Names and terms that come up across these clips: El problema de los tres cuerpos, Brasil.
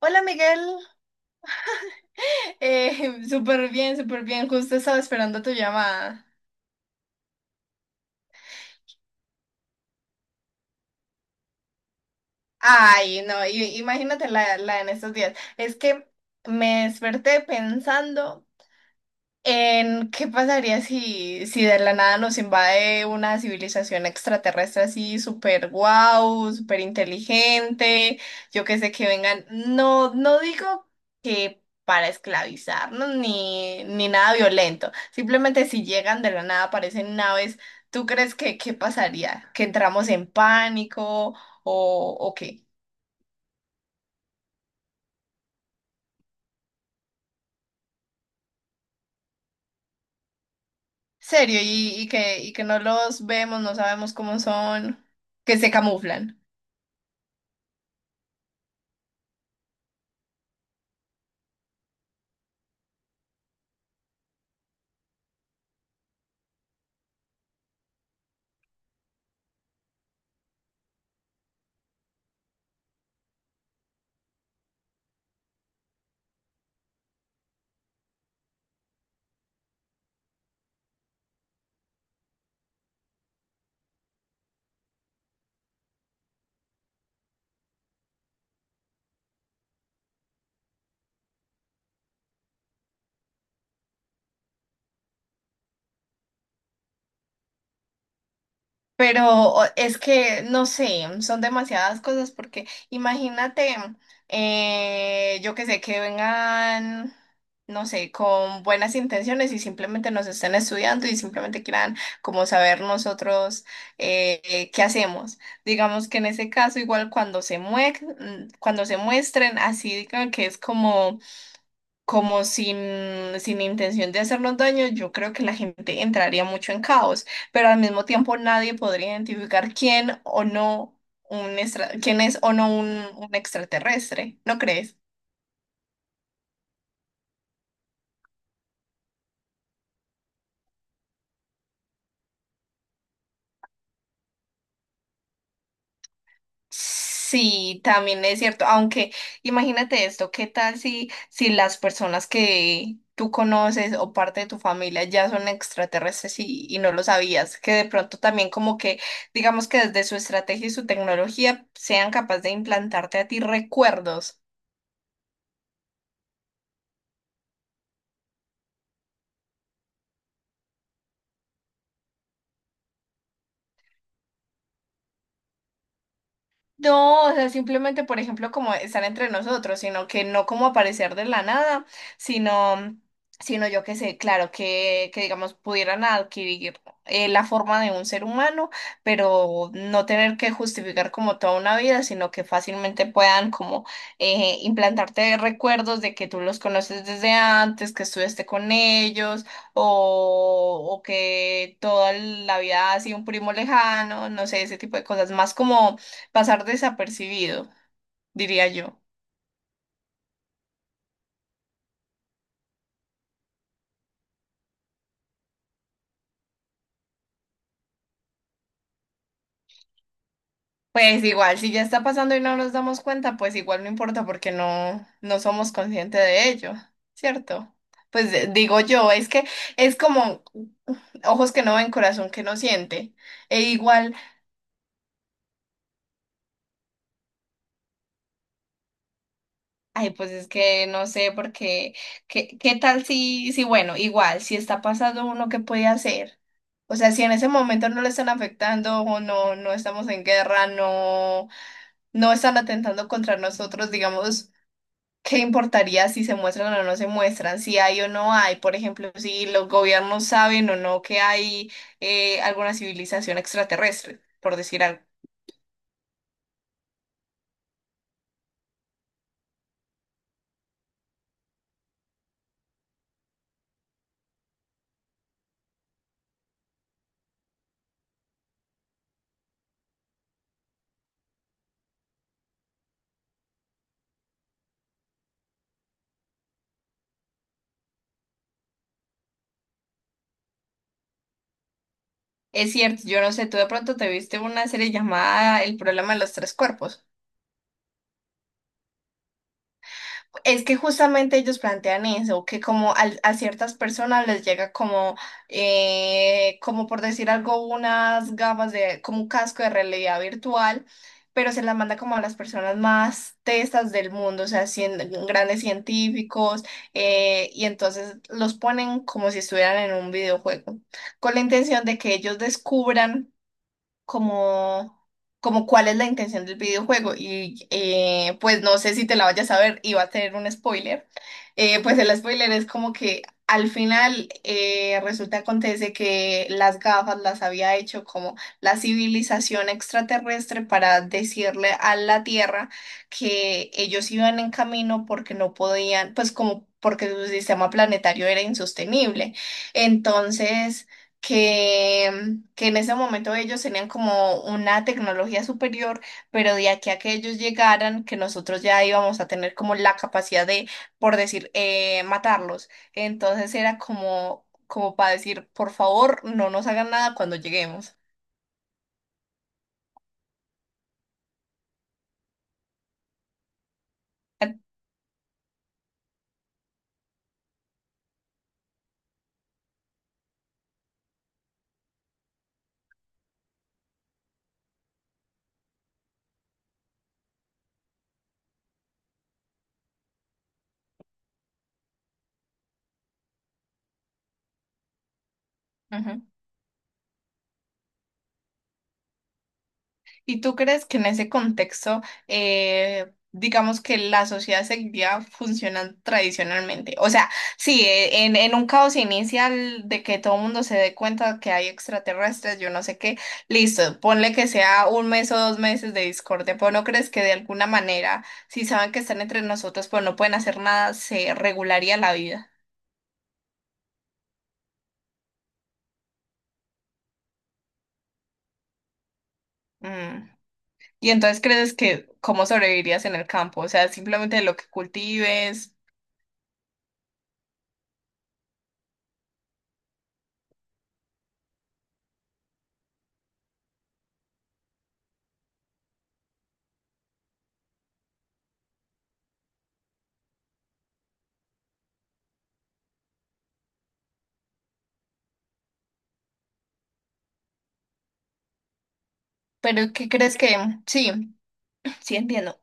Hola Miguel, súper bien, justo estaba esperando tu llamada. Ay, no, imagínate la en estos días. Es que me desperté pensando en qué pasaría si de la nada nos invade una civilización extraterrestre así súper guau, súper inteligente, yo que sé que vengan, no, no digo que para esclavizarnos ni nada violento, simplemente si llegan de la nada, aparecen naves, ¿tú crees que qué pasaría? ¿Que entramos en pánico o qué? ¿Serio? Y que no los vemos, no sabemos cómo son, que se camuflan. Pero es que, no sé, son demasiadas cosas porque imagínate, yo que sé, que vengan, no sé, con buenas intenciones y simplemente nos estén estudiando y simplemente quieran como saber nosotros qué hacemos. Digamos que en ese caso, igual cuando cuando se muestren, así digan que es como como sin, sin intención de hacernos daño, yo creo que la gente entraría mucho en caos, pero al mismo tiempo nadie podría identificar quién o no quién es o no un extraterrestre, ¿no crees? Sí, también es cierto, aunque imagínate esto, ¿qué tal si las personas que tú conoces o parte de tu familia ya son extraterrestres y no lo sabías? Que de pronto también como que, digamos que desde su estrategia y su tecnología sean capaces de implantarte a ti recuerdos. No, o sea, simplemente, por ejemplo, como estar entre nosotros, sino que no como aparecer de la nada, sino, sino yo que sé, claro, que digamos pudieran adquirir la forma de un ser humano, pero no tener que justificar como toda una vida, sino que fácilmente puedan como implantarte recuerdos de que tú los conoces desde antes, que estuviste con ellos, o que toda la vida ha sido un primo lejano, no sé, ese tipo de cosas, más como pasar desapercibido, diría yo. Pues igual, si ya está pasando y no nos damos cuenta, pues igual no importa porque no, no somos conscientes de ello, ¿cierto? Pues digo yo, es que es como ojos que no ven, corazón que no siente. E igual, ay, pues es que no sé porque, ¿qué, qué tal si, si, bueno, igual, si está pasando uno, ¿qué puede hacer? O sea, si en ese momento no le están afectando o no, no estamos en guerra, no, no están atentando contra nosotros, digamos, ¿qué importaría si se muestran o no se muestran, si hay o no hay? Por ejemplo, si los gobiernos saben o no que hay alguna civilización extraterrestre, por decir algo. Es cierto, yo no sé, tú de pronto te viste una serie llamada El problema de los tres cuerpos. Es que justamente ellos plantean eso, que como a ciertas personas les llega como, como por decir algo, unas gafas de, como un casco de realidad virtual, pero se las manda como a las personas más testas del mundo, o sea, grandes científicos, y entonces los ponen como si estuvieran en un videojuego, con la intención de que ellos descubran como, como cuál es la intención del videojuego. Y pues no sé si te la vayas a ver y va a tener un spoiler. Pues el spoiler es como que al final resulta acontece que las gafas las había hecho como la civilización extraterrestre para decirle a la Tierra que ellos iban en camino porque no podían, pues como porque su sistema planetario era insostenible. Entonces que, que en ese momento ellos tenían como una tecnología superior, pero de aquí a que ellos llegaran, que nosotros ya íbamos a tener como la capacidad de, por decir, matarlos. Entonces era como, como para decir, por favor, no nos hagan nada cuando lleguemos. Ah, Ujú. ¿Y tú crees que en ese contexto, digamos que la sociedad seguiría funcionando tradicionalmente? O sea, sí, en un caos inicial de que todo el mundo se dé cuenta que hay extraterrestres, yo no sé qué, listo, ponle que sea un mes o dos meses de discordia, pero ¿no crees que de alguna manera, si saben que están entre nosotros, pero no pueden hacer nada, se regularía la vida? Mm. Y entonces crees que cómo sobrevivirías en el campo, o sea, simplemente lo que cultives. Pero ¿qué crees que? Sí, sí entiendo.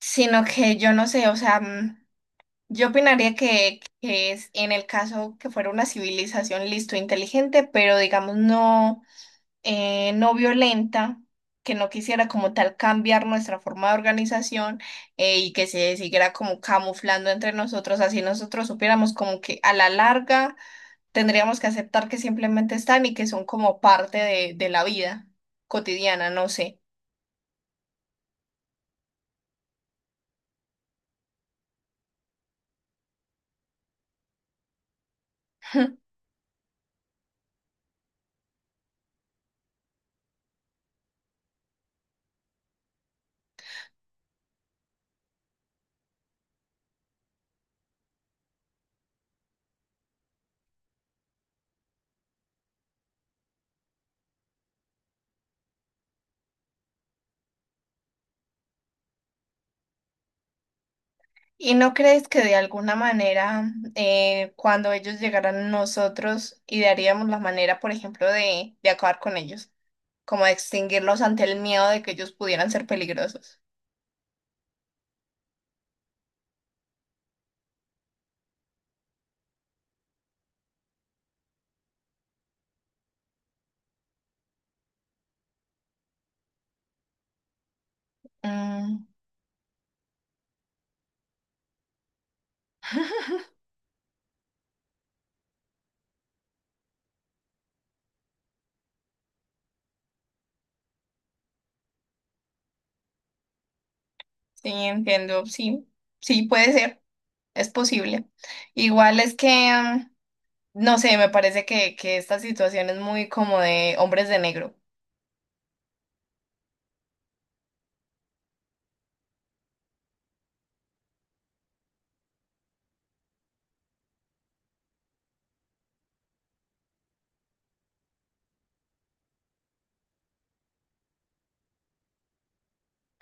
Sino que yo no sé, o sea, yo opinaría que es en el caso que fuera una civilización listo, inteligente, pero digamos no, no violenta, que no quisiera como tal cambiar nuestra forma de organización y que se siguiera como camuflando entre nosotros, así nosotros supiéramos como que a la larga tendríamos que aceptar que simplemente están y que son como parte de la vida cotidiana, no sé. ¿Y no crees que de alguna manera, cuando ellos llegaran a nosotros, idearíamos la manera, por ejemplo, de acabar con ellos? Como de extinguirlos ante el miedo de que ellos pudieran ser peligrosos. Mm, sí, entiendo, sí, sí, puede ser, es posible. Igual es que, no sé, me parece que esta situación es muy como de Hombres de Negro.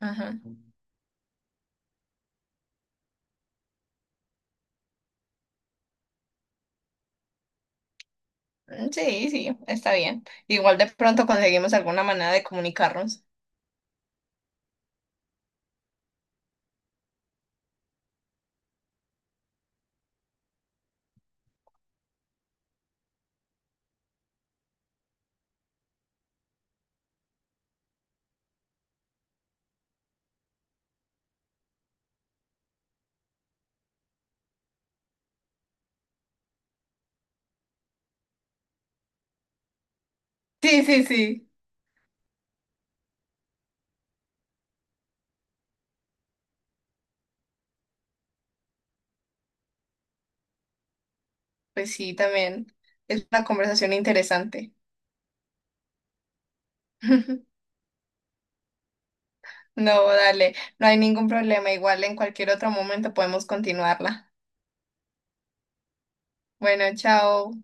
Ajá. Sí, sí, está bien. Igual de pronto conseguimos alguna manera de comunicarnos. Sí, sí, sí. Pues sí, también es una conversación interesante. No, dale, no hay ningún problema. Igual en cualquier otro momento podemos continuarla. Bueno, chao.